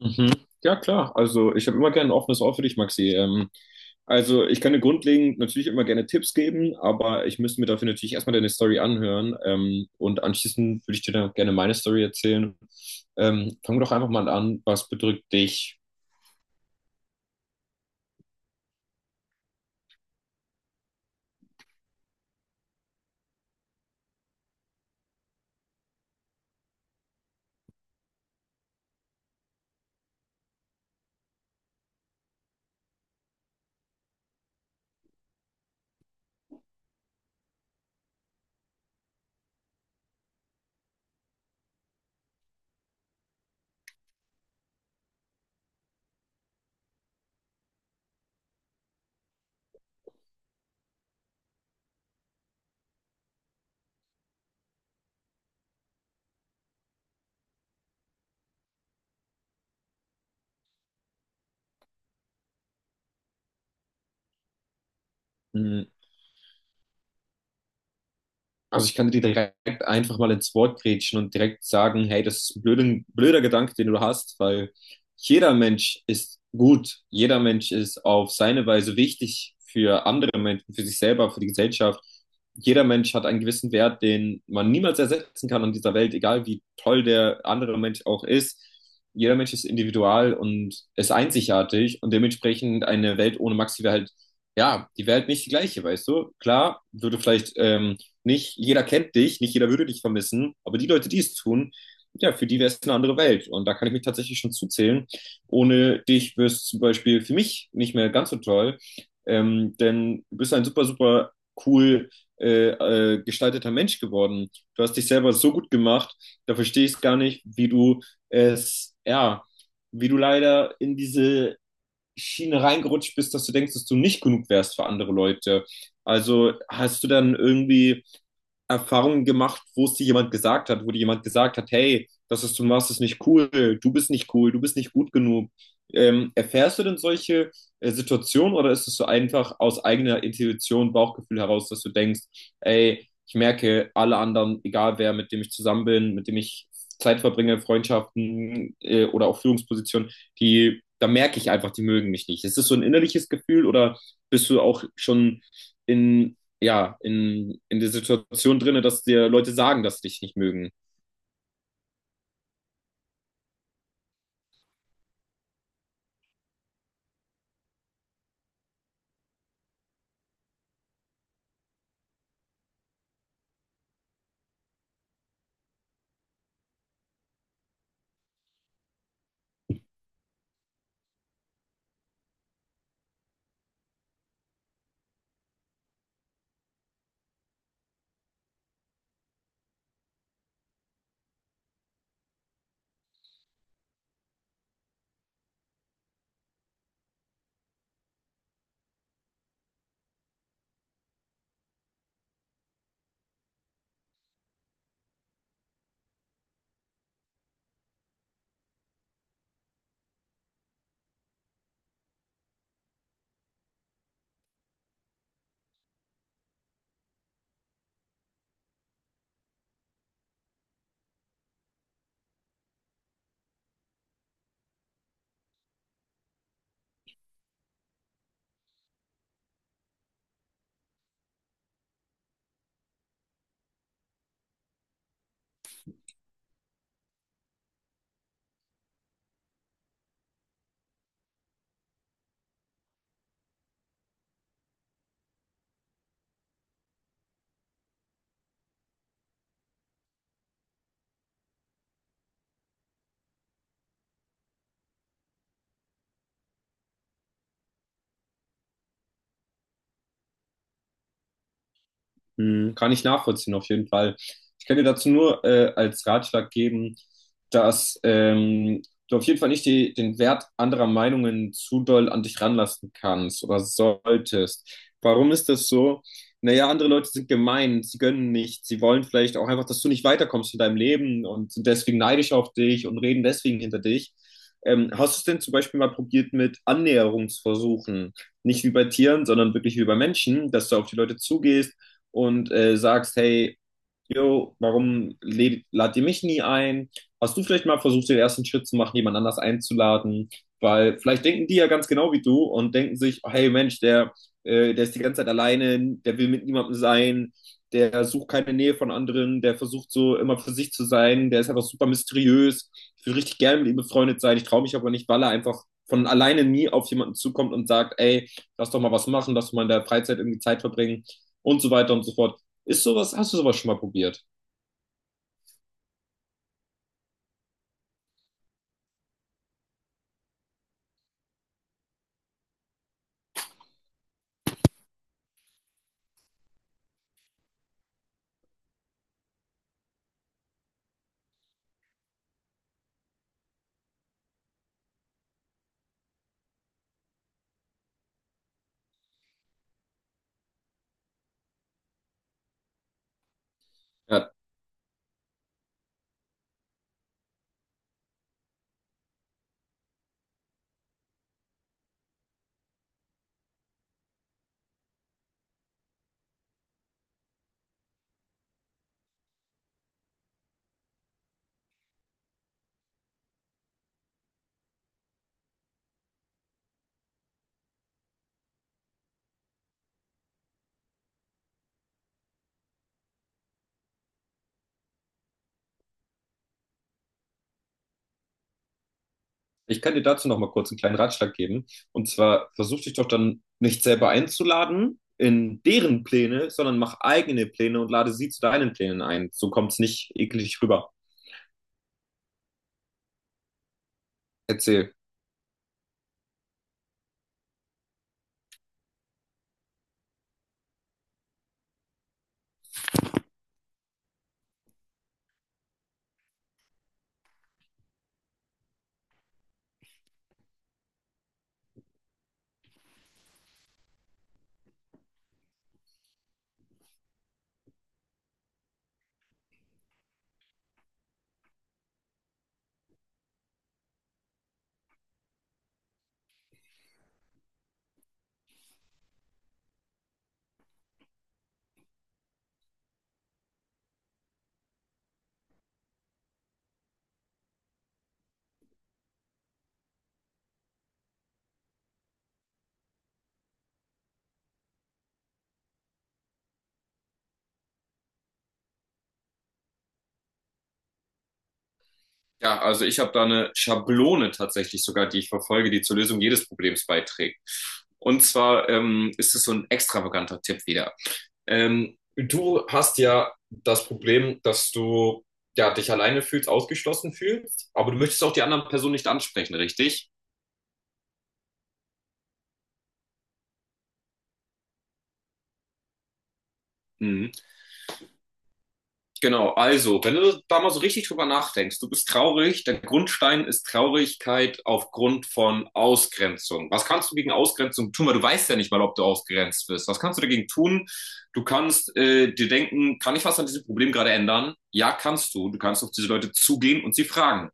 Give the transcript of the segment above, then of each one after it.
Mhm. Ja, klar. Also ich habe immer gerne ein offenes Ohr für dich, Maxi. Also ich kann dir grundlegend natürlich immer gerne Tipps geben, aber ich müsste mir dafür natürlich erstmal deine Story anhören. Und anschließend würde ich dir dann gerne meine Story erzählen. Fang doch einfach mal an. Was bedrückt dich? Hm, Also ich kann dir direkt einfach mal ins Wort grätschen und direkt sagen, hey, das ist ein blöder, blöder Gedanke, den du hast, weil jeder Mensch ist gut, jeder Mensch ist auf seine Weise wichtig für andere Menschen, für sich selber, für die Gesellschaft. Jeder Mensch hat einen gewissen Wert, den man niemals ersetzen kann in dieser Welt, egal wie toll der andere Mensch auch ist. Jeder Mensch ist individual und ist einzigartig und dementsprechend eine Welt ohne Max wäre halt, ja, die wäre halt nicht die gleiche, weißt du? Klar, würde vielleicht nicht jeder kennt dich, nicht jeder würde dich vermissen, aber die Leute, die es tun, ja, für die wäre es eine andere Welt. Und da kann ich mich tatsächlich schon zuzählen. Ohne dich wäre es zum Beispiel für mich nicht mehr ganz so toll, denn du bist ein super, super cool gestalteter Mensch geworden. Du hast dich selber so gut gemacht, da verstehe ich es gar nicht, wie du es, ja, wie du leider in diese Schiene reingerutscht bist, dass du denkst, dass du nicht genug wärst für andere Leute. Also hast du dann irgendwie Erfahrungen gemacht, wo es dir jemand gesagt hat, wo dir jemand gesagt hat, hey, das, was du machst, ist nicht cool, du bist nicht cool, du bist nicht gut genug. Erfährst du denn solche Situationen oder ist es so einfach aus eigener Intuition, Bauchgefühl heraus, dass du denkst, ey, ich merke, alle anderen, egal wer, mit dem ich zusammen bin, mit dem ich Zeit verbringe, Freundschaften oder auch Führungspositionen, die, da merke ich einfach, die mögen mich nicht. Ist es so ein innerliches Gefühl oder bist du auch schon in ja, in der Situation drinne, dass dir Leute sagen, dass sie dich nicht mögen. Hm, kann ich nachvollziehen, auf jeden Fall. Ich kann dir dazu nur als Ratschlag geben, dass du auf jeden Fall nicht die, den Wert anderer Meinungen zu doll an dich ranlassen kannst oder solltest. Warum ist das so? Naja, andere Leute sind gemein, sie gönnen nicht, sie wollen vielleicht auch einfach, dass du nicht weiterkommst in deinem Leben und sind deswegen neidisch auf dich und reden deswegen hinter dich. Hast du es denn zum Beispiel mal probiert mit Annäherungsversuchen? Nicht wie bei Tieren, sondern wirklich wie bei Menschen, dass du auf die Leute zugehst, und sagst, hey, jo, warum ladet ihr mich nie ein? Hast du vielleicht mal versucht, den ersten Schritt zu machen, jemand anders einzuladen? Weil vielleicht denken die ja ganz genau wie du und denken sich, oh, hey Mensch, der, der ist die ganze Zeit alleine, der will mit niemandem sein, der sucht keine Nähe von anderen, der versucht so immer für sich zu sein, der ist einfach super mysteriös. Ich würde richtig gerne mit ihm befreundet sein, ich traue mich aber nicht, weil er einfach von alleine nie auf jemanden zukommt und sagt, ey, lass doch mal was machen, lass doch mal in der Freizeit irgendwie Zeit verbringen und so weiter und so fort. Ist sowas, hast du sowas schon mal probiert? Ja, ich kann dir dazu noch mal kurz einen kleinen Ratschlag geben. Und zwar versuch dich doch dann nicht selber einzuladen in deren Pläne, sondern mach eigene Pläne und lade sie zu deinen Plänen ein. So kommt es nicht eklig rüber. Erzähl. Ja, also ich habe da eine Schablone tatsächlich sogar, die ich verfolge, die zur Lösung jedes Problems beiträgt. Und zwar ist es so ein extravaganter Tipp wieder. Du hast ja das Problem, dass du ja, dich alleine fühlst, ausgeschlossen fühlst, aber du möchtest auch die anderen Personen nicht ansprechen, richtig? Mhm. Genau, also, wenn du da mal so richtig drüber nachdenkst, du bist traurig, der Grundstein ist Traurigkeit aufgrund von Ausgrenzung. Was kannst du gegen Ausgrenzung tun? Weil du weißt ja nicht mal, ob du ausgrenzt wirst. Was kannst du dagegen tun? Du kannst dir denken, kann ich was an diesem Problem gerade ändern? Ja, kannst du. Du kannst auf diese Leute zugehen und sie fragen.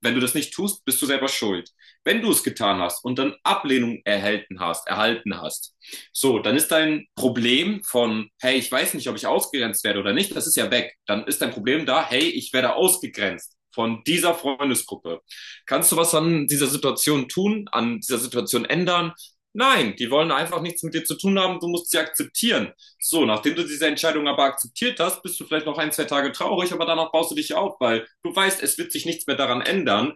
Wenn du das nicht tust, bist du selber schuld. Wenn du es getan hast und dann Ablehnung erhalten hast, so, dann ist dein Problem von, hey, ich weiß nicht, ob ich ausgegrenzt werde oder nicht, das ist ja weg. Dann ist dein Problem da, hey, ich werde ausgegrenzt von dieser Freundesgruppe. Kannst du was an dieser Situation tun, an dieser Situation ändern? Nein, die wollen einfach nichts mit dir zu tun haben, du musst sie akzeptieren. So, nachdem du diese Entscheidung aber akzeptiert hast, bist du vielleicht noch ein, zwei Tage traurig, aber danach baust du dich auf, weil du weißt, es wird sich nichts mehr daran ändern.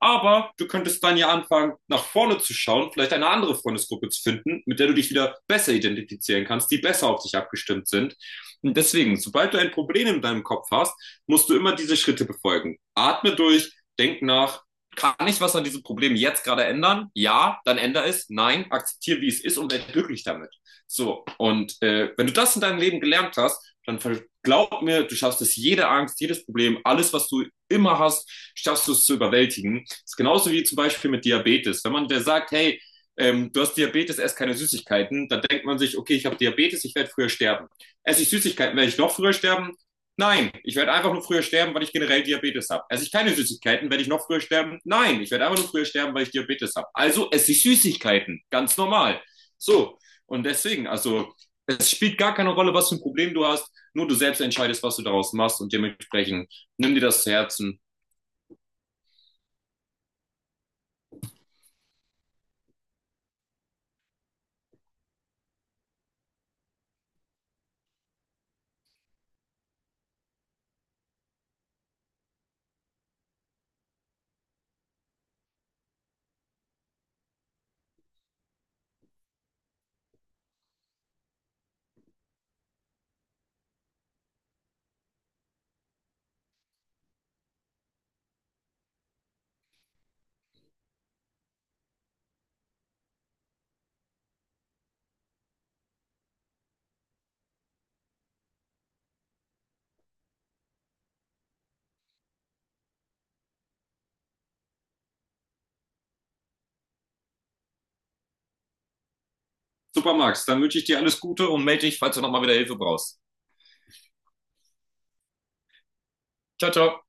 Aber du könntest dann ja anfangen, nach vorne zu schauen, vielleicht eine andere Freundesgruppe zu finden, mit der du dich wieder besser identifizieren kannst, die besser auf dich abgestimmt sind. Und deswegen, sobald du ein Problem in deinem Kopf hast, musst du immer diese Schritte befolgen. Atme durch, denk nach, kann ich was an diesem Problem jetzt gerade ändern? Ja, dann ändere es. Nein, akzeptiere, wie es ist und werde glücklich damit. So, und wenn du das in deinem Leben gelernt hast, dann glaub mir, du schaffst es jede Angst, jedes Problem, alles, was du immer hast, schaffst du es zu überwältigen. Das ist genauso wie zum Beispiel mit Diabetes. Wenn man der sagt, hey, du hast Diabetes, ess keine Süßigkeiten, dann denkt man sich, okay, ich habe Diabetes, ich werde früher sterben. Esse ich Süßigkeiten, werde ich noch früher sterben? Nein, ich werde einfach nur früher sterben, weil ich generell Diabetes habe. Esse ich keine Süßigkeiten, werde ich noch früher sterben? Nein, ich werde einfach nur früher sterben, weil ich Diabetes habe. Also esse ich Süßigkeiten, ganz normal. So, und deswegen, also es spielt gar keine Rolle, was für ein Problem du hast, nur du selbst entscheidest, was du daraus machst und dementsprechend nimm dir das zu Herzen. Super, Max. Dann wünsche ich dir alles Gute und melde dich, falls du nochmal wieder Hilfe brauchst. Ciao, ciao.